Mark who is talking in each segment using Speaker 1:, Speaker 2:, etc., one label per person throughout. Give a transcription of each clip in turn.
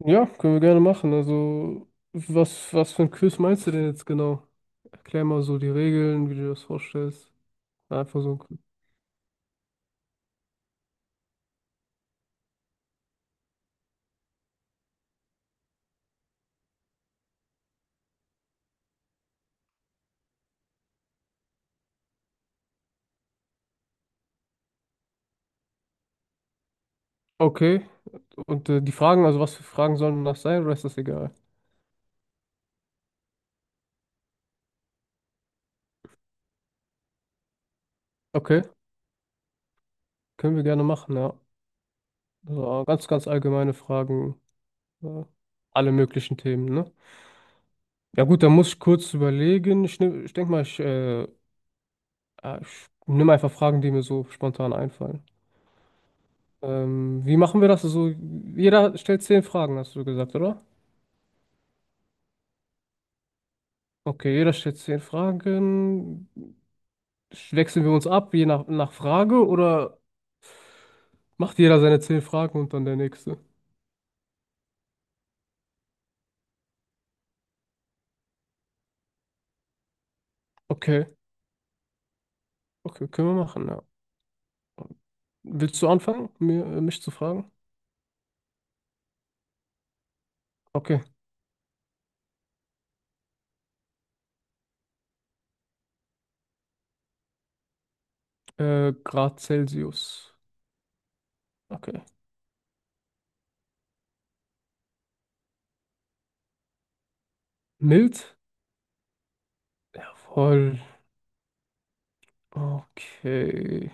Speaker 1: Ja, können wir gerne machen. Also, was für ein Quiz meinst du denn jetzt genau? Erklär mal so die Regeln, wie du dir das vorstellst. Einfach so ein Quiz. Okay. Und die Fragen, also was für Fragen sollen das sein, oder ist das egal? Okay, können wir gerne machen, ja. So ganz allgemeine Fragen. Ja. Alle möglichen Themen, ne? Ja gut, dann muss ich kurz überlegen. Ich denke mal, ich nehme einfach Fragen, die mir so spontan einfallen. Wie machen wir das? Also, jeder stellt zehn Fragen, hast du gesagt, oder? Okay, jeder stellt zehn Fragen. Wechseln wir uns ab, je nach Frage, oder macht jeder seine zehn Fragen und dann der nächste? Okay, okay, können wir machen, ja. Willst du anfangen, mich zu fragen? Okay, Grad Celsius. Okay. Mild? Jawohl. Okay.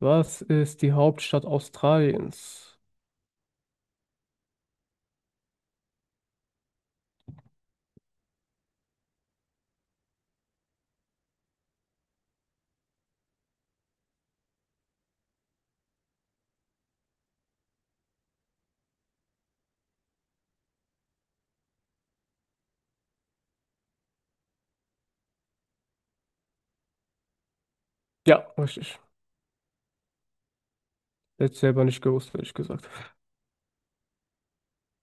Speaker 1: Was ist die Hauptstadt Australiens? Ja, richtig. Hätte ich selber nicht gewusst, hätte ich gesagt.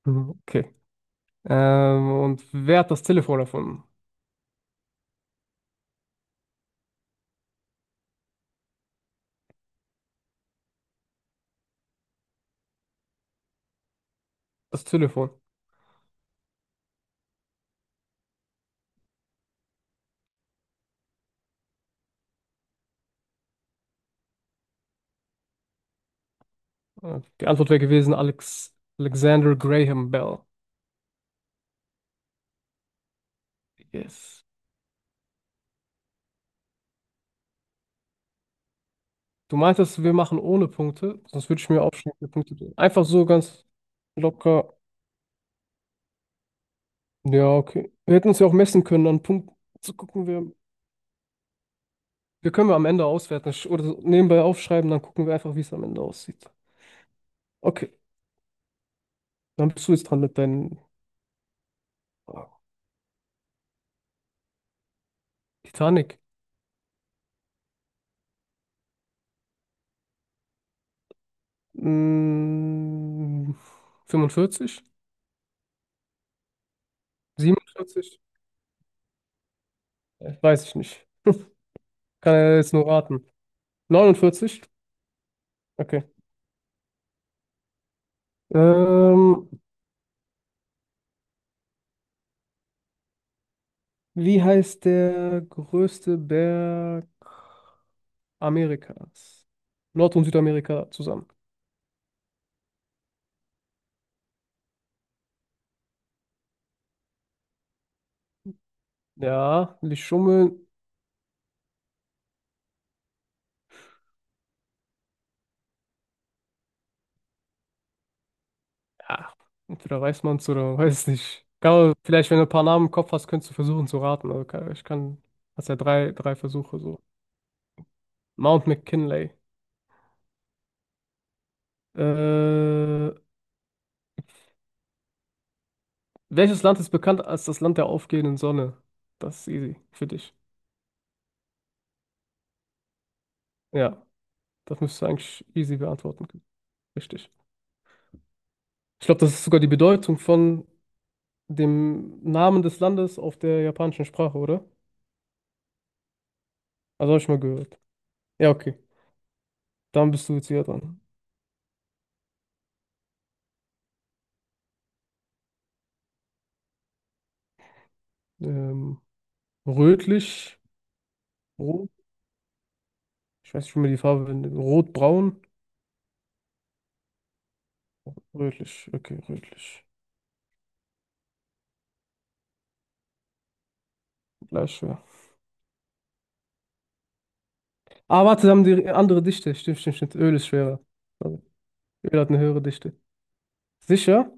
Speaker 1: Mhm, okay. Und wer hat das Telefon erfunden? Das Telefon. Die Antwort wäre gewesen Alex Alexander Graham Bell. Yes. Du meintest, wir machen ohne Punkte, sonst würde ich mir aufschreiben, wie viele Punkte. Einfach so ganz locker. Ja, okay. Wir hätten uns ja auch messen können, an Punkten zu gucken, wir können wir am Ende auswerten oder so nebenbei aufschreiben, dann gucken wir einfach, wie es am Ende aussieht. Okay, dann bist du jetzt dran mit deinen Fragen. Titanic. Mm, 45? 47? Weiß ich nicht. Kann ja jetzt nur raten. 49? Okay. Ähm, Wie heißt der größte Berg Amerikas? Nord- und Südamerika zusammen. Ja, nicht schummeln. Ja, entweder weiß man es oder man weiß es nicht. Kann man, vielleicht, wenn du ein paar Namen im Kopf hast, könntest du versuchen zu raten. Also, ich kann, hast ja drei Versuche so. Mount McKinley. Äh, welches Land ist bekannt als das Land der aufgehenden Sonne? Das ist easy für dich. Ja, das müsstest du eigentlich easy beantworten können. Richtig. Ich glaube, das ist sogar die Bedeutung von dem Namen des Landes auf der japanischen Sprache, oder? Also habe ich mal gehört. Ja, okay. Dann bist du jetzt wieder dran. Ähm, Rötlich, rot. Ich weiß nicht, wie man die Farbe nennt. Rotbraun, rötlich. Okay, rötlich. Gleich schwer. Ah, warte, da haben die andere Dichte. Stimmt. Öl ist schwerer. Also, Öl hat eine höhere Dichte. Sicher?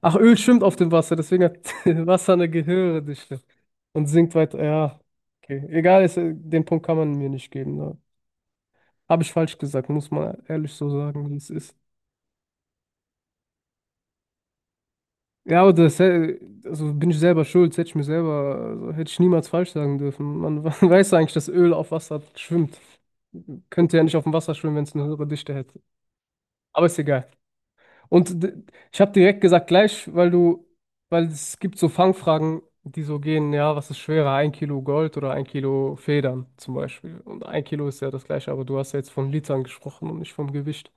Speaker 1: Ach, Öl schwimmt auf dem Wasser, deswegen hat Wasser eine höhere Dichte und sinkt weiter. Ja, okay. Egal, den Punkt kann man mir nicht geben. Ne? Habe ich falsch gesagt, muss man ehrlich so sagen, wie es ist. Ja, also bin ich selber schuld, hätte ich mir selber, also hätte ich niemals falsch sagen dürfen. Man weiß eigentlich, dass Öl auf Wasser schwimmt. Könnte ja nicht auf dem Wasser schwimmen, wenn es eine höhere Dichte hätte. Aber ist egal. Und d- Ich habe direkt gesagt gleich, weil es gibt so Fangfragen, die so gehen, ja, was ist schwerer, ein Kilo Gold oder ein Kilo Federn zum Beispiel. Und ein Kilo ist ja das gleiche, aber du hast ja jetzt von Litern gesprochen und nicht vom Gewicht.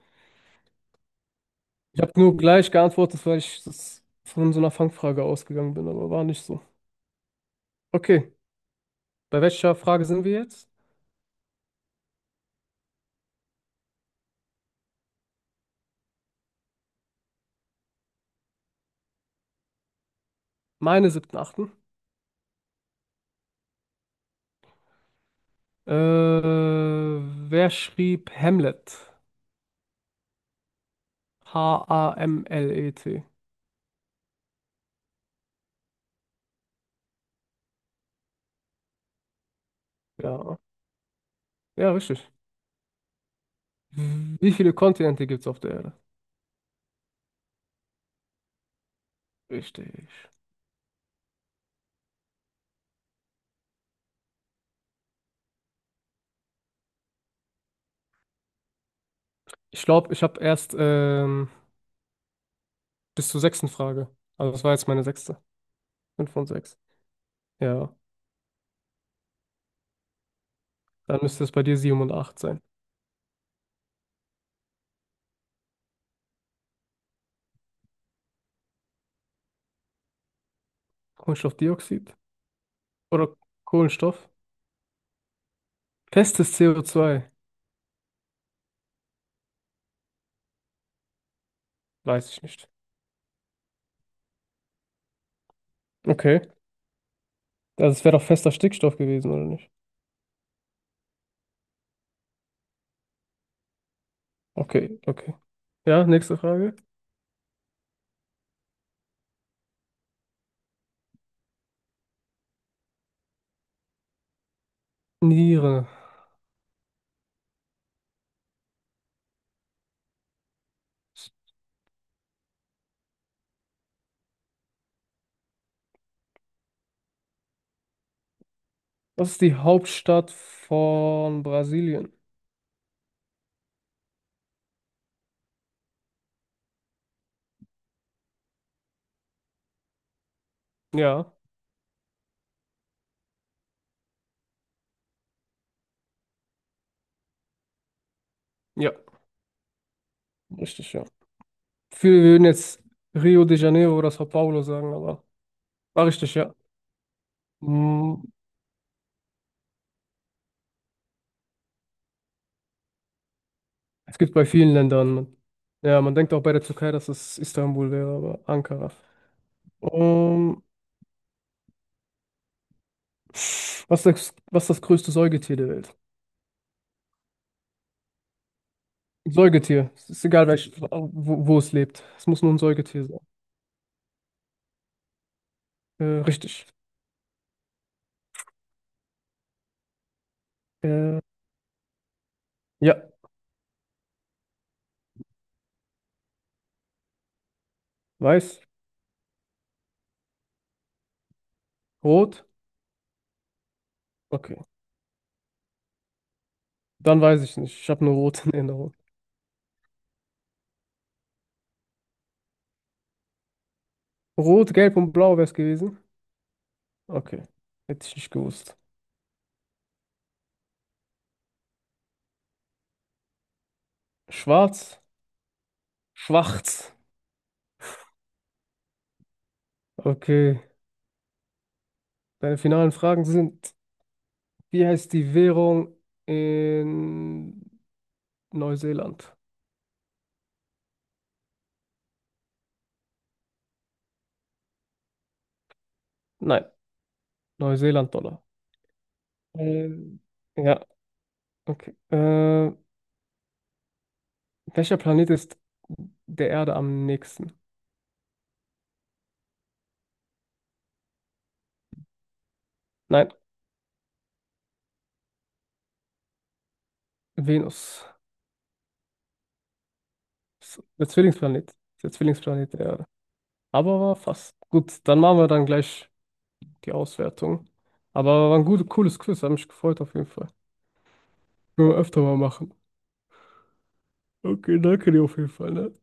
Speaker 1: Ich habe nur gleich geantwortet, weil ich das von so einer Fangfrage ausgegangen bin, aber war nicht so. Okay, bei welcher Frage sind wir jetzt? Meine siebten, achten. Äh, wer schrieb Hamlet? H-A-M-L-E-T. Ja, ja, richtig. Wie viele Kontinente gibt es auf der Erde? Richtig. Ich glaube, ich habe erst bis zur sechsten Frage. Also das war jetzt meine sechste. Fünf von sechs. Ja, dann müsste es bei dir sieben und acht sein. Kohlenstoffdioxid oder Kohlenstoff? Festes CO2. Weiß ich nicht. Okay. Also es wäre doch fester Stickstoff gewesen, oder nicht? Okay. Ja, nächste Frage. Niere. Was ist die Hauptstadt von Brasilien? Ja, ja, richtig, ja. Viele würden jetzt Rio de Janeiro oder São Paulo sagen, aber war richtig, ja. Hm, es gibt bei vielen Ländern. Ja, man denkt auch bei der Türkei, dass es Istanbul wäre, aber Ankara. Um, was ist das größte Säugetier der Welt? Ein Säugetier. Es ist egal, wo es lebt. Es muss nur ein Säugetier sein. Richtig. Äh, ja, weiß, rot. Okay. Dann weiß ich nicht. Ich habe nur rot in Erinnerung. Rot, gelb und blau wäre es gewesen. Okay. Hätte ich nicht gewusst. Schwarz, schwarz. Okay. Deine finalen Fragen sind, wie heißt die Währung in Neuseeland? Nein, Neuseeland-Dollar. Ähm, ja, okay. Äh, Welcher Planet ist der Erde am nächsten? Nein, Venus. Ist der Zwillingsplanet. Ist der Zwillingsplanet der Erde. Aber war fast. Gut, dann machen wir dann gleich die Auswertung. Aber war ein gutes, cooles Quiz, hat mich gefreut auf jeden Fall. Können wir öfter mal machen. Okay, danke dir auf jeden Fall, ne?